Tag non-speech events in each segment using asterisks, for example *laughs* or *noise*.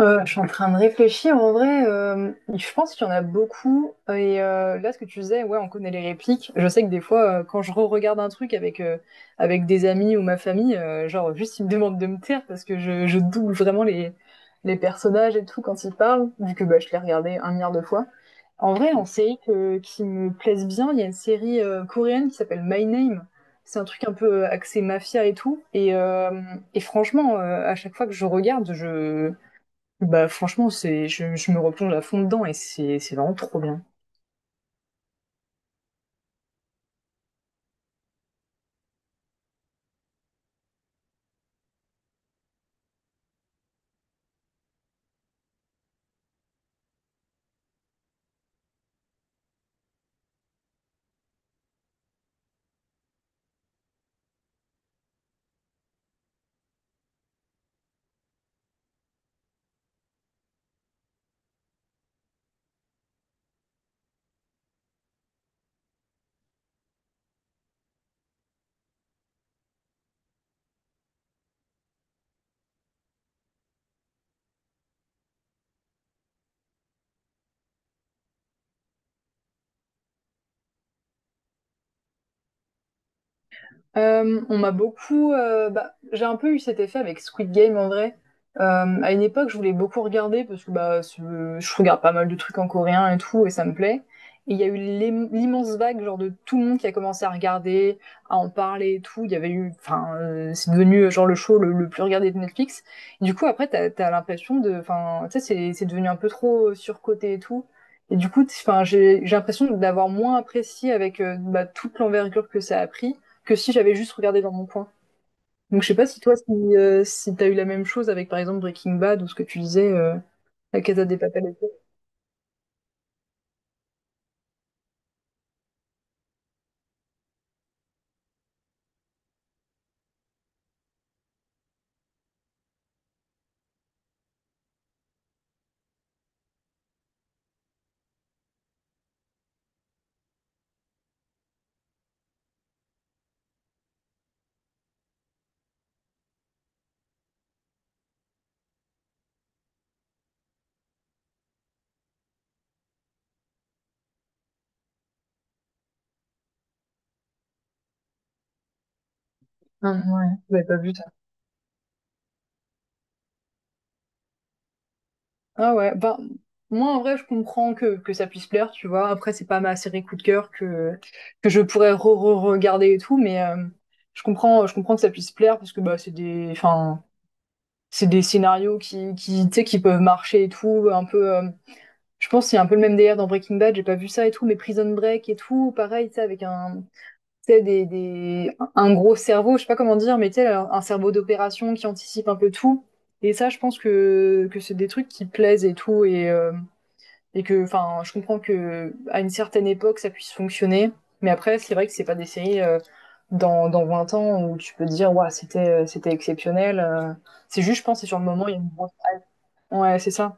Je suis en train de réfléchir. En vrai, je pense qu'il y en a beaucoup. Et là, ce que tu disais, ouais, on connaît les répliques. Je sais que des fois, quand je re-regarde un truc avec des amis ou ma famille, genre juste ils me demandent de me taire parce que je double vraiment les personnages et tout quand ils parlent, vu que bah, je l'ai regardé un milliard de fois. En vrai, en série que, qui me plaise bien, il y a une série coréenne qui s'appelle My Name. C'est un truc un peu axé mafia et tout. Et, et franchement, à chaque fois que je regarde, je bah, franchement, c'est je me replonge à fond dedans et c'est vraiment trop bien. On m'a beaucoup. Bah, j'ai un peu eu cet effet avec Squid Game en vrai. Euh, à une époque, je voulais beaucoup regarder parce que je regarde pas mal de trucs en coréen et tout, et ça me plaît. Et il y a eu l'immense vague genre de tout le monde qui a commencé à regarder, à en parler et tout. Il y avait eu, enfin, c'est devenu genre le show le plus regardé de Netflix. Du coup, après, t'as l'impression de, enfin, tu sais, c'est devenu un peu trop surcoté et tout. Et du coup, j'ai l'impression d'avoir moins apprécié avec bah, toute l'envergure que ça a pris que si j'avais juste regardé dans mon coin. Donc je sais pas si toi, si t'as eu la même chose avec par exemple Breaking Bad ou ce que tu disais, La Casa des Papel et tout. Ah, ouais, j'avais pas vu ça. Ah ouais, bah moi en vrai je comprends que ça puisse plaire, tu vois. Après c'est pas ma série coup de cœur que je pourrais re-regarder et tout, mais je comprends que ça puisse plaire parce que bah c'est des scénarios qui tu sais qui peuvent marcher et tout un peu. Je pense que c'est un peu le même délire dans Breaking Bad, j'ai pas vu ça et tout, mais Prison Break et tout, pareil, tu sais, avec un, tu sais, des, un gros cerveau, je sais pas comment dire, mais tu sais, un cerveau d'opération qui anticipe un peu tout. Et ça, je pense que c'est des trucs qui plaisent et tout. Et, je comprends que à une certaine époque, ça puisse fonctionner. Mais après, c'est vrai que c'est pas des séries dans 20 ans où tu peux te dire, waouh, c'était exceptionnel. C'est juste, je pense, c'est sur le moment, il y a une grosse- Ouais, c'est ça.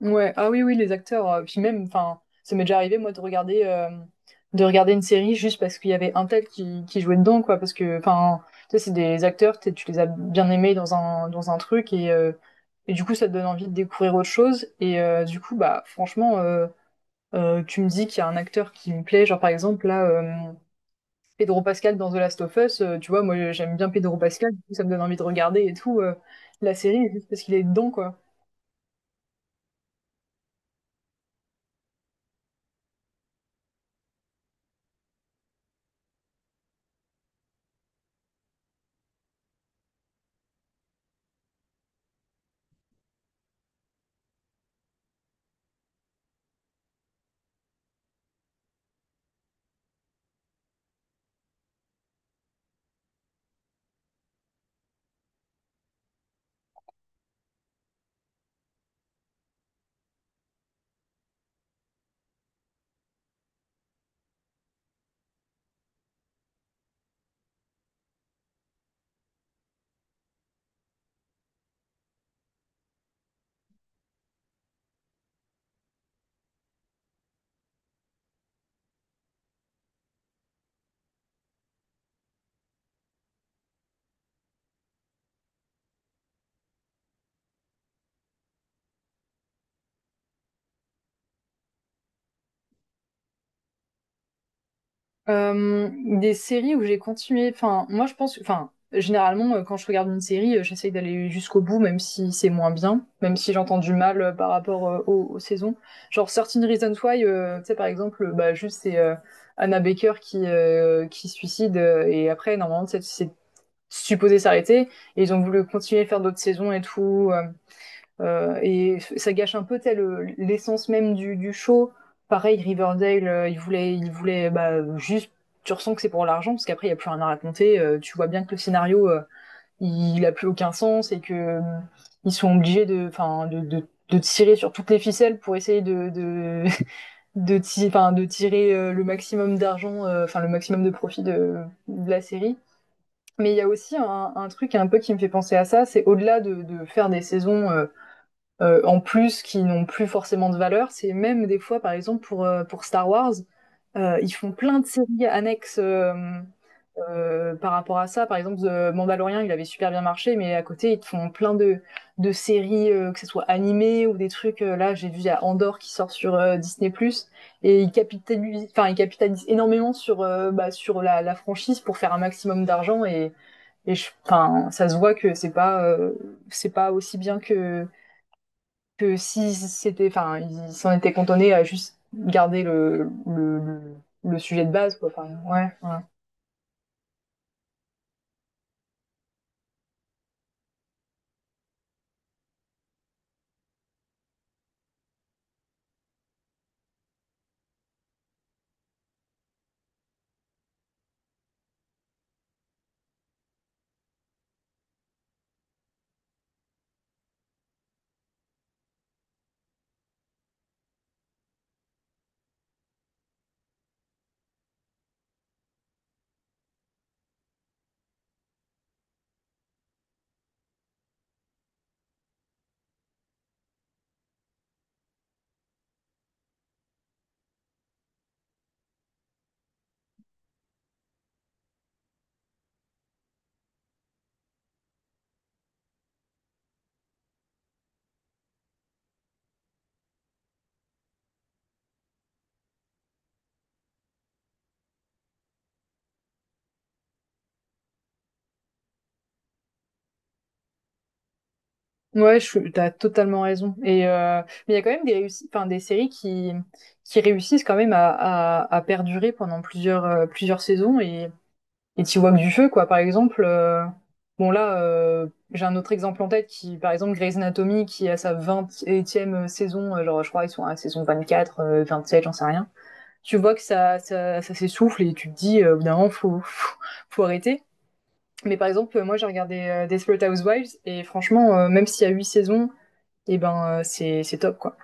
Ouais, ah oui, oui, les acteurs. Puis même, enfin, ça m'est déjà arrivé, moi, de regarder une série juste parce qu'il y avait un tel qui jouait dedans, quoi. Parce que, enfin, tu sais, c'est des acteurs, tu les as bien aimés dans un truc et du coup, ça te donne envie de découvrir autre chose. Et du coup, bah, franchement, tu me dis qu'il y a un acteur qui me plaît, genre par exemple, Pedro Pascal dans The Last of Us, tu vois, moi, j'aime bien Pedro Pascal, du coup, ça me donne envie de regarder et tout, la série juste parce qu'il est dedans, quoi. Des séries où j'ai continué. Enfin, moi, je pense. Enfin, généralement, quand je regarde une série, j'essaye d'aller jusqu'au bout, même si c'est moins bien, même si j'entends du mal par rapport aux saisons. Genre, Certain Reasons Why, tu sais, par exemple, bah, juste c'est Anna Baker qui se suicide et après, normalement, tu sais, c'est supposé s'arrêter et ils ont voulu continuer à faire d'autres saisons et tout. Et ça gâche un peu telle l'essence même du show. Pareil, Riverdale, il voulait bah, juste. Tu ressens que c'est pour l'argent parce qu'après il y a plus rien à raconter. Tu vois bien que le scénario, il a plus aucun sens et que ils sont obligés de, enfin, de tirer sur toutes les ficelles pour essayer *laughs* de tirer le maximum d'argent, enfin le maximum de profit de la série. Mais il y a aussi un truc un peu qui me fait penser à ça, c'est au-delà de faire des saisons en plus qui n'ont plus forcément de valeur. C'est même des fois, par exemple, pour Star Wars, ils font plein de séries annexes par rapport à ça. Par exemple, The Mandalorian, il avait super bien marché, mais à côté, ils te font plein de séries, que ce soit animées ou des trucs. Là, j'ai vu il y a Andorre qui sort sur Disney+, plus, et ils capitalisent, ils capitalisent énormément sur, bah, sur la franchise pour faire un maximum d'argent et ça se voit que c'est pas aussi bien que si c'était, enfin, ils s'en étaient cantonnés à juste garder le sujet de base, quoi. Enfin, ouais, ouais. Ouais, t'as totalement raison. Et mais il y a quand même des réussites, enfin, des séries qui réussissent quand même à perdurer pendant plusieurs plusieurs saisons et t'y vois que du feu, quoi. Par exemple, bon là, j'ai un autre exemple en tête qui, par exemple, Grey's Anatomy qui a sa 20e saison, genre je crois ils sont à la saison 4, 7 j'en sais rien. Tu vois que ça s'essouffle et tu te dis, au faut, faut, faut arrêter. Mais par exemple, moi, j'ai regardé Desperate Housewives et franchement, même s'il y a 8 saisons, et eh ben, c'est top, quoi.